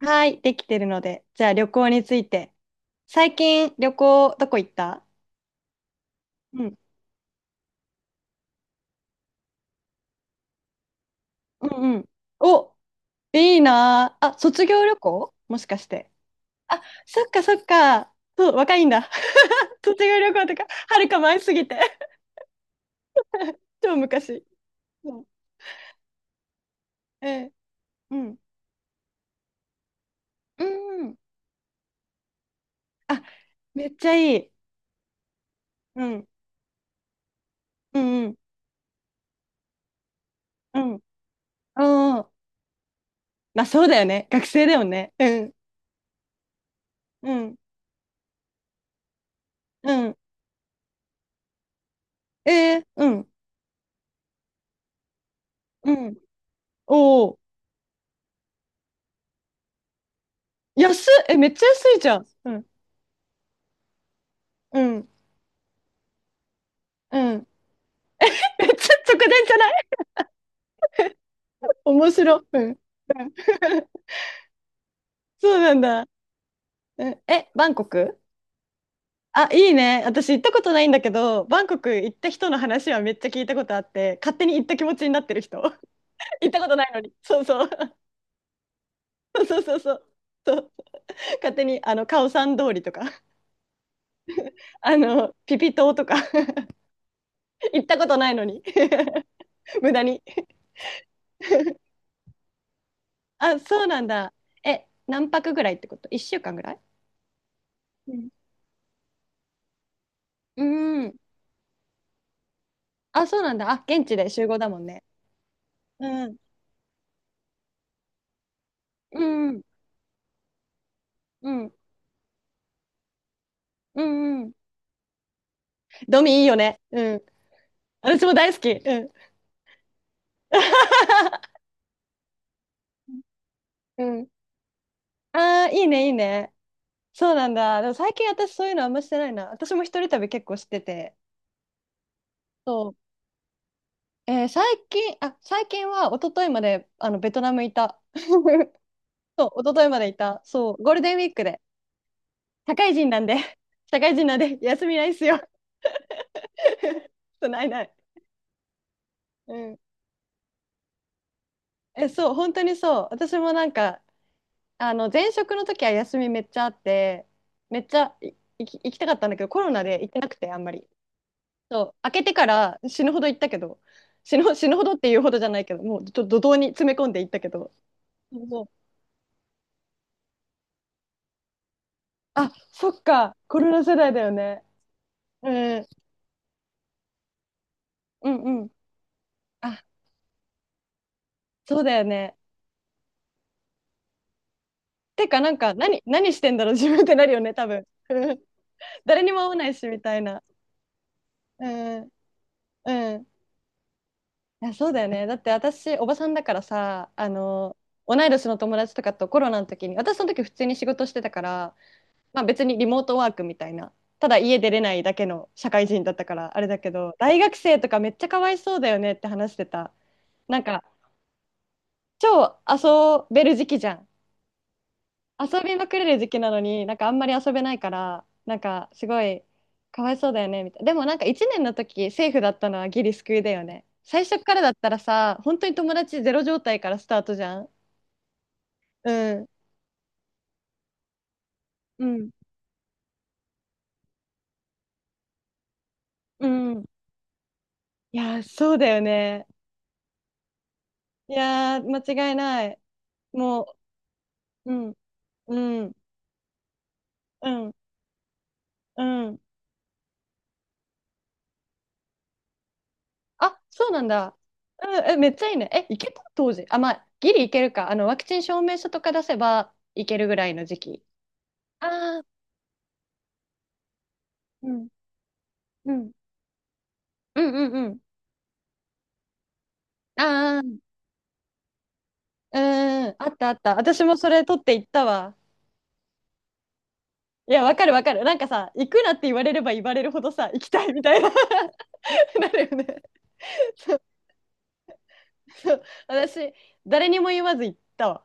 はい、できてるので。じゃあ旅行について。最近旅行どこ行った？うん。うんうん。お、いいなあ。あ、卒業旅行もしかして。あ、そっかそっか。そう、若いんだ。卒業旅行とか、はるか前すぎて。超昔。うん。ええ。うん。うんうん。あ、めっちゃいい。うん。うんうん。うん。うんうん。まあそうだよね。学生だよね。うん。うん。うん。ええ。うん。うん。おお。安っえ、めっちゃ安いじゃん。うん。うん。うん。めっちゃ直電じゃない？ 面白。うん。うん。 そうなんだ。うん。え、バンコク？あ、いいね。私行ったことないんだけど、バンコク行った人の話はめっちゃ聞いたことあって、勝手に行った気持ちになってる人。行ったことないのに。そうそう。そうそうそう。そう、勝手にあのカオさん通りとか、 あのピピ島とか、 行ったことないのに。 無駄に。あ、そうなんだ。え、何泊ぐらいってこと？1週間ぐらい？うん。あ、そうなんだ。あ、現地で集合だもんね。うん。うん。うん。うん。うん。ドミいいよね。うん。私も大好き。うん。うん。ああ、いいね、いいね。そうなんだ。でも最近私そういうのあんましてないな。私も一人旅結構してて。そう。えー最近、あ、最近は一昨日まであのベトナムいた。そう、一昨日までいた。そう、ゴールデンウィークで。社会人なんで、社会人なんで、休みないっすよ。そうないない。うん。え、そう、本当にそう。私もなんか、あの、前職の時は休みめっちゃあって、めっちゃい行き、行きたかったんだけど、コロナで行ってなくて、あんまり。そう、開けてから死ぬほど行ったけど、死ぬ、死ぬほどっていうほどじゃないけど、もうちょっと怒涛に詰め込んで行ったけど。そうそう。あ、そっか、コロナ世代だよね。うん、うんうん。あ、そうだよね。てか、なんか、何、何してんだろう、自分ってなるよね、多分。うん。誰にも会わないし、みたいな。うん、うん。いやそうだよね。だって私おばさんだからさあの同い年の友達とかとコロナの時に、私その時普通に仕事してたから、リモートワークみたいな、ただ家出れないだけの社会人だったからあれだけど、大学生とかめっちゃかわいそうだよねって話してた。なんか超遊べる時期じゃん。遊びまくれる時期なのに、なんかあんまり遊べないから、なんかすごいかわいそうだよねみたいな。でもなんか1年の時セーフだったのはギリ救いだよね。最初からだったらさ、本当に友達ゼロ状態からスタートじゃん。うんうんうん。いやーそうだよね。いやー間違いない。もううんうんうんうん。あ、そうなんだ。うん。え、めっちゃいいね。え、いけた当時？あ、まあギリいけるか、あのワクチン証明書とか出せばいけるぐらいの時期。ああ、うん。うん。うんうんうん。ああ、うん。あったあった。私もそれ取って行ったわ。いや、わかるわかる。なんかさ、行くなって言われれば言われるほどさ、行きたいみたいな。 なるよね。そうそう。私、誰にも言わず行ったわ。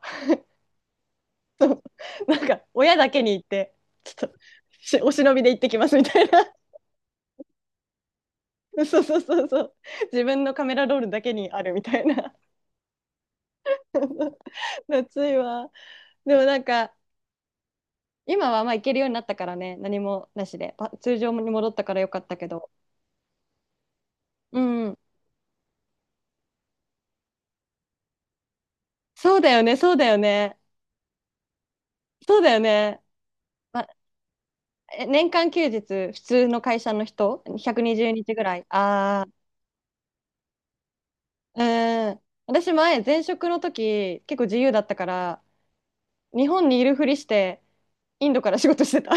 なんか、親だけに行って、ちょっと、しお忍びで行ってきますみたいな。そうそうそうそう。自分のカメラロールだけにあるみたいな。夏いわ。でもなんか、今はまあ行けるようになったからね、何もなしで、パ通常に戻ったからよかったけど。うん。そうだよね、そうだよね。そうだよね。ま、え年間休日、普通の会社の人、120日ぐらい。ああ、うん。私前、前職の時、結構自由だったから、日本にいるふりして、インドから仕事してた。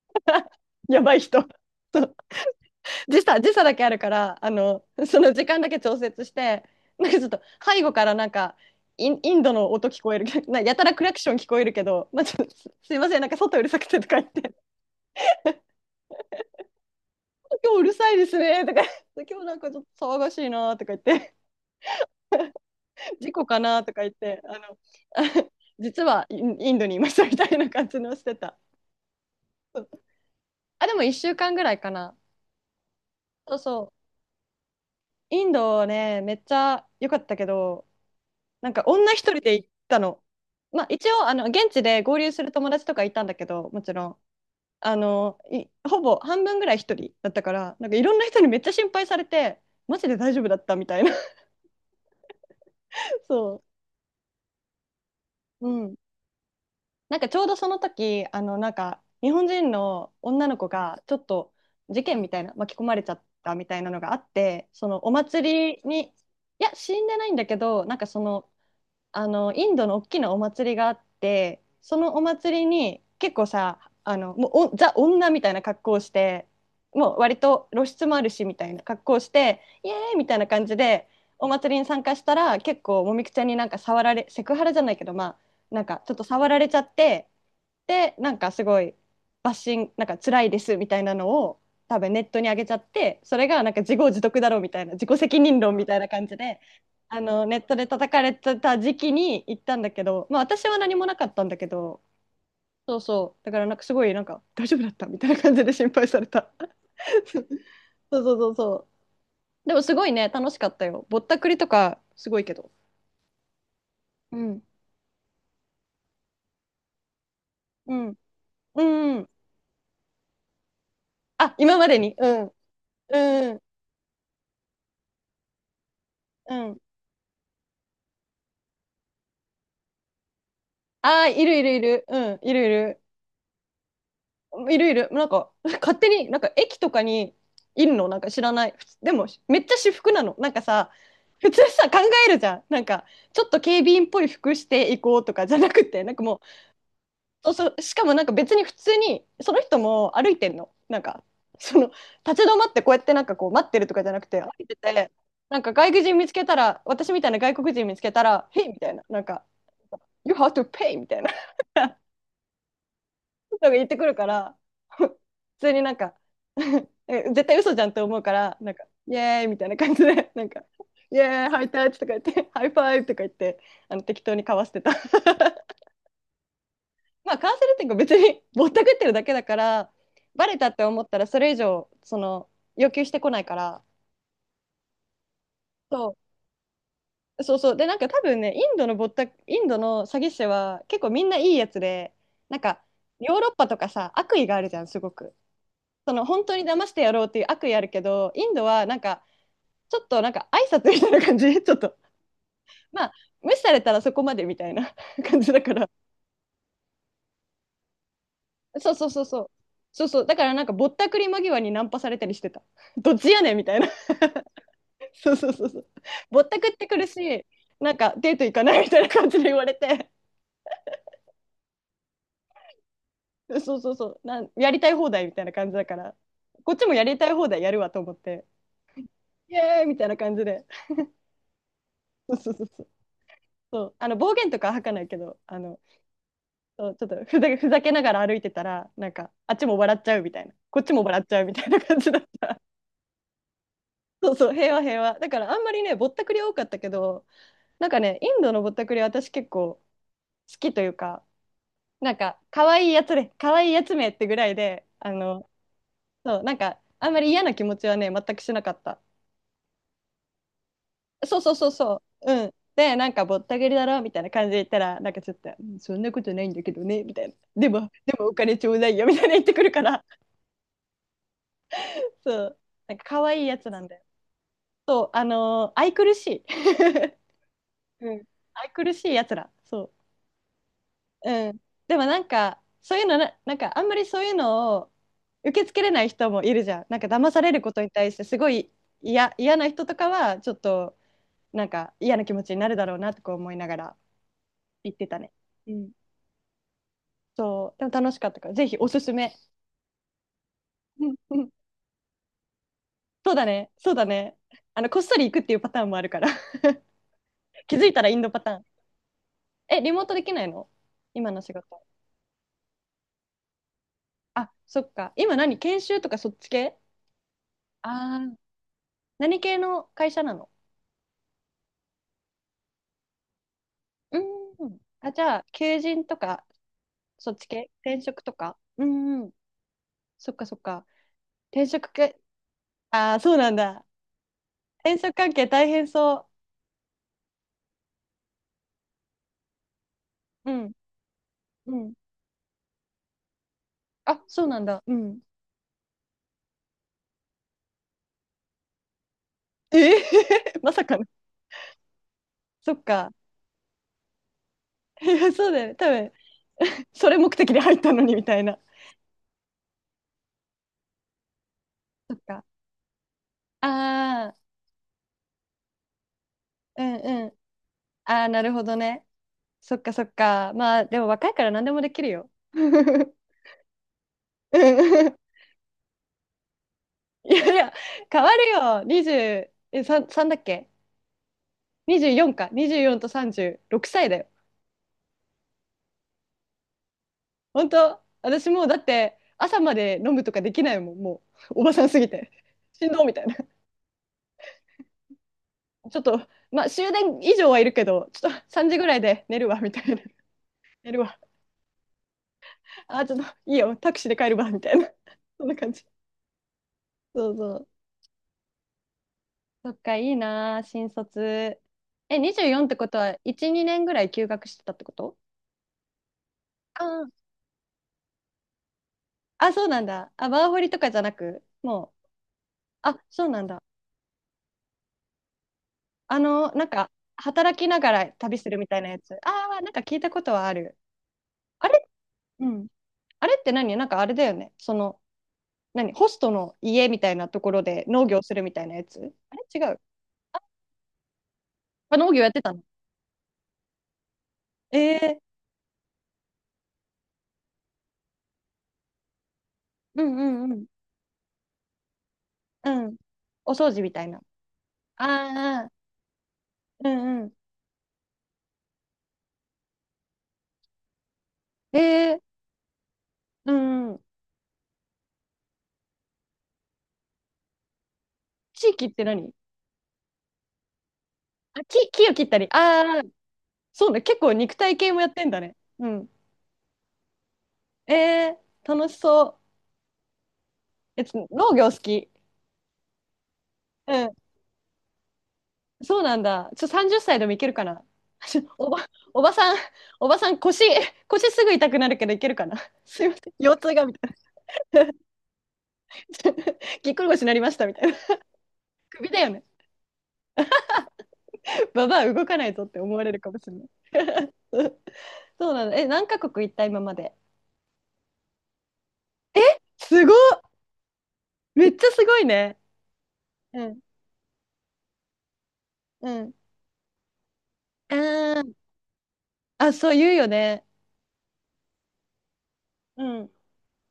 やばい人。そう、時差、時差だけあるから、あの、その時間だけ調節して、なんかちょっと背後からなんか、イン、インドの音聞こえる、なやたらクラクション聞こえるけど、まあ、ちょっとすすいません、なんか外うるさくてとか言って、今日うるさいですねとか、今日なんかちょっと騒がしいなとか言って、事故かなとか言って、あ実はインインドにいましたみたいな感じのしてた。そう、あ、でも1週間ぐらいかな。そうそう。インドね、めっちゃ良かったけど、なんか女一人で行ったの。まあ一応、あの、現地で合流する友達とかいたんだけど、もちろん。あの、いほぼ半分ぐらい一人だったから、なんかいろんな人にめっちゃ心配されて、マジで大丈夫だったみたいな。そう。うん。なんかちょうどその時、あの、なんか日本人の女の子がちょっと事件みたいな、巻き込まれちゃったみたいなのがあって、そのお祭りに、いや、死んでないんだけど、なんかその、あのインドの大きなお祭りがあって、そのお祭りに結構さ、あのもうおザ女みたいな格好をして、もう割と露出もあるしみたいな格好をして、イエーイみたいな感じでお祭りに参加したら、結構もみくちゃんになんか触られ、セクハラじゃないけど、まあなんかちょっと触られちゃって、でなんかすごいバッシング、なんか辛いですみたいなのを多分ネットに上げちゃって、それがなんか自業自得だろうみたいな、自己責任論みたいな感じで、あのネットで叩かれてた時期に行ったんだけど、まあ、私は何もなかったんだけど。そうそう、だからなんかすごい、なんか大丈夫だったみたいな感じで心配された。 そうそうそうそう。でもすごいね、楽しかったよ。ぼったくりとかすごいけど。うんうんうん。あ、今までに？うん。うんうん。ああ、いるいるいる。うん、いるいる。いる、なんか勝手になんか駅とかにいるの。なんか知らない？普通でもめっちゃ私服なの、なんかさ。普通さ考えるじゃん、なんか、ちょっと警備員っぽい服していこうとかじゃなくて、なんかもう。そうそう、しかもなんか別に普通にその人も歩いてんの。なんかその立ち止まってこうやってなんかこう待ってるとかじゃなくて、歩いてて、なんか外国人見つけたら、私みたいな外国人見つけたら「Hey」みたいな、なんか「You have to pay」みたいなのが言ってくるから、普通になんか、 え絶対嘘じゃんって思うから、なんか、イエーイみたいな感じで、なんか、イエーイ、ハイタッチとか言って、ハイファイブとか言って、あの適当に交わしてた。まあ、カウンセルっていうか別にぼったくってるだけだから、バレたって思ったらそれ以上、その、要求してこないから。そう。そうそう。で、なんか多分ね、インドの詐欺師は結構みんないいやつで、なんか、ヨーロッパとかさ、悪意があるじゃん、すごく。その本当に騙してやろうっていう悪意あるけど、インドはなんかちょっとなんか挨拶みたいな感じ ちょっとまあ無視されたらそこまでみたいな 感じだから。そうそうそうそうそう。そうだからなんかぼったくり間際にナンパされたりしてた。どっちやねんみたいな。 そうそうそうそう。ぼったくってくるし、なんかデート行かないみたいな感じで言われて、そうそうそう、なんやりたい放題みたいな感じだから、こっちもやりたい放題やるわと思って、イエーイみたいな感じで。そうそうそうそうそう、あの暴言とか吐かないけど、あのそう、ちょっとふざけながら歩いてたら、なんか、あっちも笑っちゃうみたいな、こっちも笑っちゃうみたいな感じだった。そうそう、平和平和。だからあんまりね、ぼったくり多かったけど、なんかね、インドのぼったくりは私結構好きというか、なんか、可愛いやつで、可愛いやつめってぐらいで、あの、そう、なんか、あんまり嫌な気持ちはね、全くしなかった。そうそうそうそう、うん。で、なんかぼったくりだろみたいな感じで言ったら、なんかちょっと、うん、そんなことないんだけどね、みたいな。でも、でもお金ちょうだいよみたいな言ってくるから、そう、なんか可愛いやつなんだよ。そう、あのー愛くるしい うん、愛くるしいやつらそう。うん、でもなんかそういうのな、なんかあんまりそういうのを受け付けれない人もいるじゃん。なんか騙されることに対してすごい嫌嫌な人とかはちょっとなんか嫌な気持ちになるだろうなとか思いながら言ってたね。うん、そうでも楽しかったからぜひおすすめ。うんうん。そうだねそうだね、あのこっそり行くっていうパターンもあるから。 気づいたらインドパターン。え、リモートできないの、今の仕事？あ、そっか。今何研修とかそっち系？ああー、何系の会社なの？うーん。あ、じゃあ、求人とか、そっち系転職とか、うんうん。そっかそっか。転職系、ああ、そうなんだ。転職関係大変そう。うん、うん。あ、そうなんだ。うん。えー まさかの。そっか。いや、そうだよね。多分、それ目的で入ったのにみたいな。そっか。ああ、うんうん。ああ、なるほどね。そっかそっか。まあ、でも若いから何でもできるよ。うん、いやいや、変わるよ。20、え、3、3だっけ？ 24 か。24と36歳だよ。本当私もうだって朝まで飲むとかできないもん。もう、おばさんすぎて。しんどみたいな。ちょっと、まあ終電以上はいるけど、ちょっと3時ぐらいで寝るわ、みたいな。寝るわ。あ、ちょっといいよ。タクシーで帰るわ、みたいな。そんな感じ。そうそう。そっか、いいなあ、新卒。え、24ってことは、1、2年ぐらい休学してたってこと？あー、あ、そうなんだ。あ、ワーホリとかじゃなく、もう、あ、そうなんだ。あの、なんか、働きながら旅するみたいなやつ。ああ、なんか聞いたことはある。あれ、うん。あれって何？なんかあれだよね。その、何、ホストの家みたいなところで農業するみたいなやつ、あれ違う？あ、農業やってたの？ええー、うんうんうん。うん。お掃除みたいな。ああ、うんうん。えー、うん。地域って何？あ、木を切ったり。ああ、そうね。結構肉体系もやってんだね。うん。えー、楽しそう。え、つ農業好き。うん。そうなんだ。ちょ、30歳でもいけるかな。ちょおば、おばさん、おばさん腰、腰すぐ痛くなるけどいけるかな。すいません。腰痛がみたいな。ぎっくり腰になりましたみたいな。首だよね。ババア動かないぞって思われるかもしれない。そうなの。え、何カ国行った今まで？すごっ、めっちゃすごいね。うん、うん。あー、あ、そう言うよね。うん。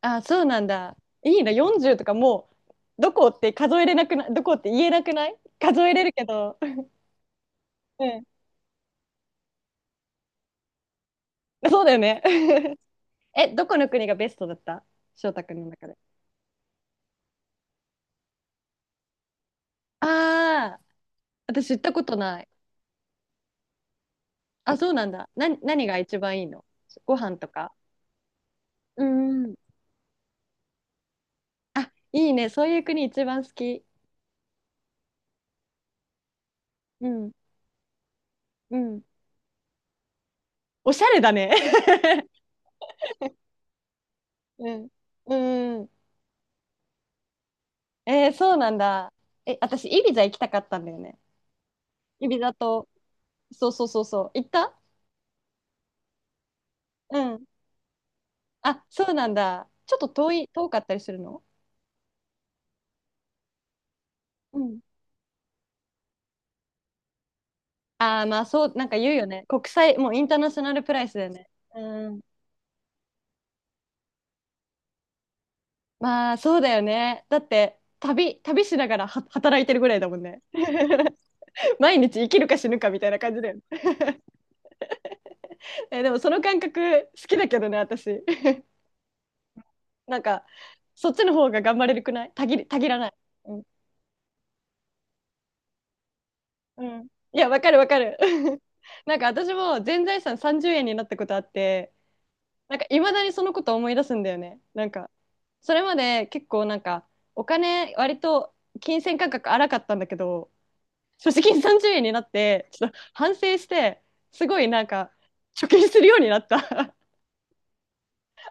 あ、そうなんだ。いいな、40とかもう、どこって数えれなくない？どこって言えなくない、数えれるけど。うん。そうだよね。え、どこの国がベストだった？翔太くんの中で。ああ、私行ったことない。あ、そうなんだ。な、何が一番いいの？ご飯とか。うんうん。あ、いいね。そういう国一番好き。うん。うん。おしゃれだね。うん。うん。えー、そうなんだ。え、私、イビザ行きたかったんだよね。イビザと、そうそうそうそう。行った？うん。あ、そうなんだ。ちょっと遠かったりするの？うん。ああ、まあそう、なんか言うよね。国際、もうインターナショナルプライスだよね。うん。まあそうだよね。だって、旅しながらは働いてるぐらいだもんね。毎日生きるか死ぬかみたいな感じだよね。え、でもその感覚好きだけどね、私。なんか、そっちの方が頑張れるくない、たぎらない。うんうん、いや、わかるわかる。なんか私も全財産30円になったことあって、なんかいまだにそのこと思い出すんだよね。なんか、それまで結構なんか、お金割と金銭感覚荒かったんだけど、所持金30円になって、ちょっと反省して、すごいなんか、貯金するようになった。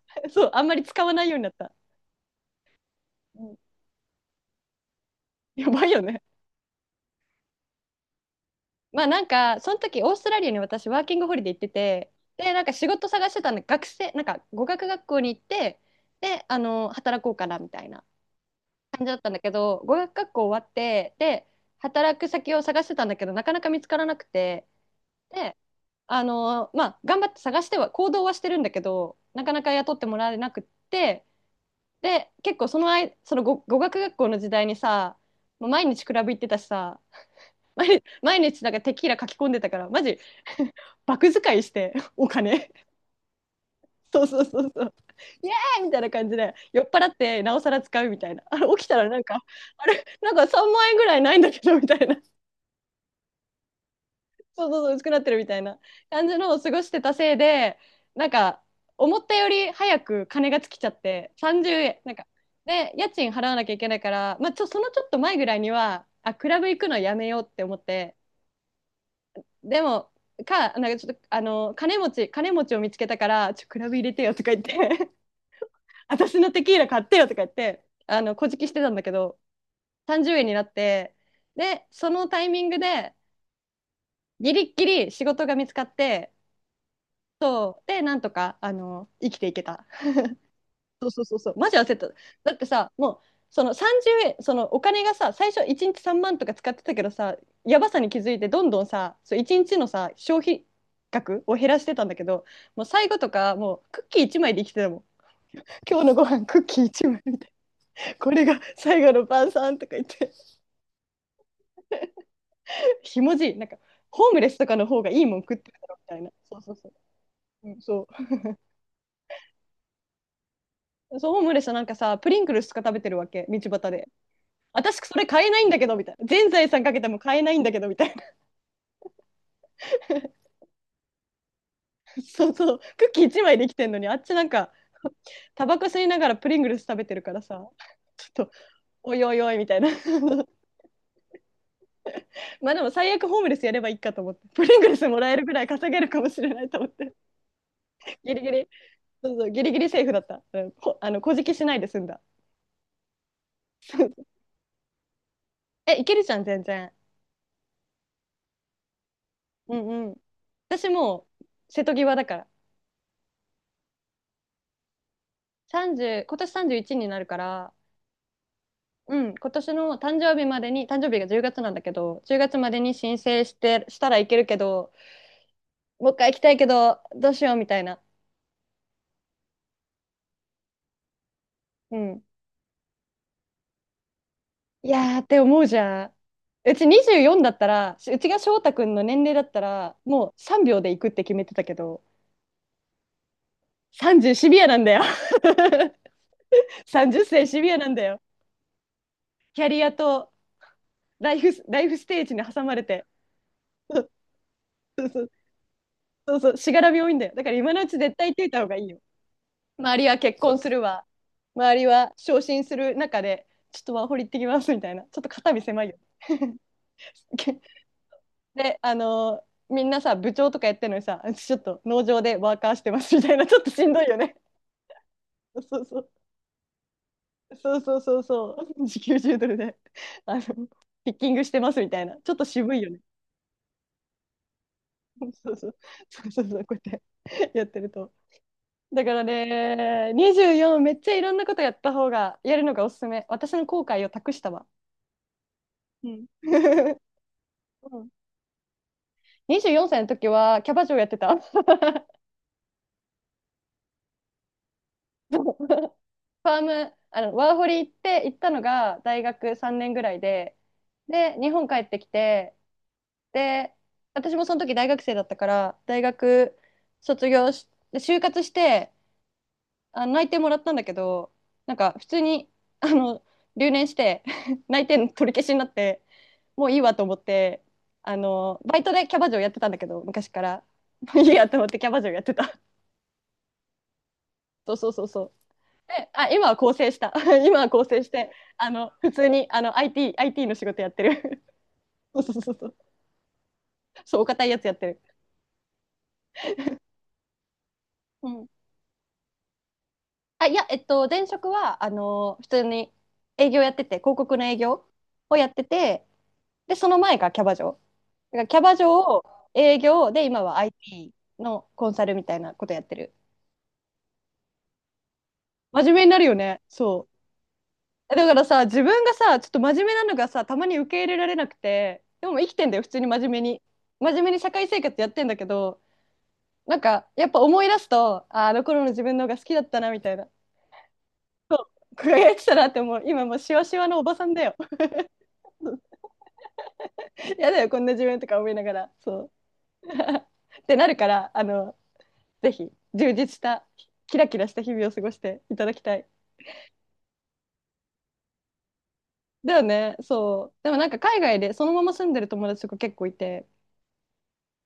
そう、あんまり使わないようになった。うん、やばいよね。まあ、なんかその時オーストラリアに私ワーキングホリデー行ってて、でなんか仕事探してたんで、学生、なんか語学学校に行って、であの働こうかなみたいな感じだったんだけど、語学学校終わって、で働く先を探してたんだけど、なかなか見つからなくて、であのまあ頑張って探しては行動はしてるんだけど、なかなか雇ってもらえなくって、で結構その間、その語学学校の時代にさ、もう毎日クラブ行ってたしさ、毎日毎日なんかテキーラ書き込んでたから、マジバク使いしてお金。 そうそうそうそう、イエーイみたいな感じで酔っ払ってなおさら使うみたいな、あれ起きたらなんかあれなんか3万円ぐらいないんだけどみたいな、そうそうそう薄くなってるみたいな感じのを過ごしてたせいで、なんか思ったより早く金が尽きちゃって30円なんか。で家賃払わなきゃいけないから、まあ、そのちょっと前ぐらいには、あ、クラブ行くのやめようって思って、でも、かなんか、ちょっとあの金持ちを見つけたから、クラブ入れてよとか言って、私のテキーラ買ってよとか言って、あの、こじきしてたんだけど、30円になって、で、そのタイミングで、ギリッギリ仕事が見つかって、で、なんとか、あの、生きていけた。そうそうそう、マジ焦った。だってさ、もう、その30円、そのお金がさ、最初1日3万とか使ってたけどさ、やばさに気づいて、どんどんさ、そう1日のさ、消費額を減らしてたんだけど、もう最後とか、もうクッキー1枚で生きてたもん。今日のご飯クッキー1枚みたいな、これが最後の晩餐とか言って。ひもじい、なんかホームレスとかの方がいいもん食ってるだろみたいな。そうそうそう、うん、そうそう、ホームレスはなんかさプリンクルスとか食べてるわけ道端で、私それ買えないんだけどみたいな、全財産かけても買えないんだけどみたいな。 そうそう、クッキー1枚できてんのにあっちなんかタバコ吸いながらプリングルス食べてるからさ、ちょっと、おいおいおいみたいな。 まあでも最悪ホームレスやればいいかと思って、プリングルスもらえるぐらい稼げるかもしれないと思って。 ギリギリ、そうそう、ギリギリセーフだった、うん、あの小じきしないで済んだ。え、いけるじゃん、全然。うんうん。私もう瀬戸際だから。30、今年31になるから、うん、今年の誕生日までに、誕生日が10月なんだけど、10月までに申請してしたらいけるけど、もう一回行きたいけど、どうしようみたいな。うん。いやーって思うじゃん。うち24だったら、うちが翔太くんの年齢だったら、もう3秒で行くって決めてたけど、30シビアなんだよ。30歳シビアなんだよ。キャリアとライフステージに挟まれて。そうそう、しがらみ多いんだよ。だから今のうち絶対言っていた方がいいよ。周りは結婚するわ、周りは昇進する中で、ちょっとワーホリ行ってきますみたいな、ちょっと肩身狭いよ。で、みんなさ、部長とかやってるのにさ、ちょっと農場でワーカーしてますみたいな、ちょっとしんどいよね。そうそうそうそうそうそう、時給10ドルで、あの、ピッキングしてますみたいな、ちょっと渋いよね。そうそうそうそうそう、こうやってやってると。だからね、24めっちゃいろんなことやった方が、やるのがおすすめ。私の後悔を託したわ。うん。24歳の時はキャバ嬢やってた。そう、ファーム、あの、ワーホリ行ったのが大学3年ぐらいで、で、日本帰ってきて、で、私もその時大学生だったから、大学卒業し、で就活して、あの内定もらったんだけど、なんか普通に、あの、留年して 内定の取り消しになって、もういいわと思って、あのバイトでキャバ嬢やってたんだけど昔から、もういいやと思ってキャバ嬢やってた。そうそうそうそう、で、あ、今は更生した。 今は更生して、あの普通に、あの IT の仕事やってる。 そうそうそうそうそう、お堅いやつやってる、うん、いや前職はあの普通に営業やってて、広告の営業をやってて、でその前がキャバ嬢。だからキャバ嬢を、営業で、今は IT のコンサルみたいなことやってる。真面目になるよね。そうだからさ、自分がさちょっと真面目なのがさたまに受け入れられなくて、でも生きてんだよ、普通に真面目に。真面目に社会生活やってんだけど、なんかやっぱ思い出すと、あ、あの頃の自分の方が好きだったなみたいな、輝いてたなって思う。今もうシワシワのおばさんだよ。 やだよこんな自分とか思いながら、そうってなるから、あのぜひ充実したキラキラした日々を過ごしていただきたい。だよね。そうでもなんか海外でそのまま住んでる友達とか結構いて、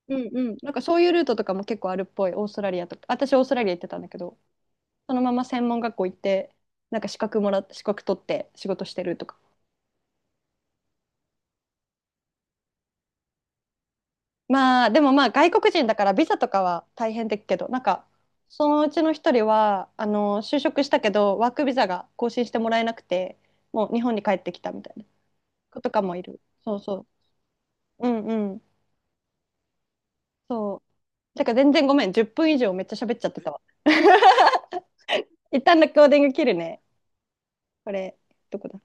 うんうん、なんかそういうルートとかも結構あるっぽい。オーストラリアとか、私オーストラリア行ってたんだけど、そのまま専門学校行って、なんか資格取って仕事してるとか。まあでもまあ外国人だからビザとかは大変だけど、なんか、そのうちの一人はあの就職したけどワークビザが更新してもらえなくて、もう日本に帰ってきたみたいな子とかもいる。そうそう、うんうん。そうだから、全然ごめん、10分以上めっちゃ喋っちゃってたわ。 一旦のコーディング切るね。これどこだ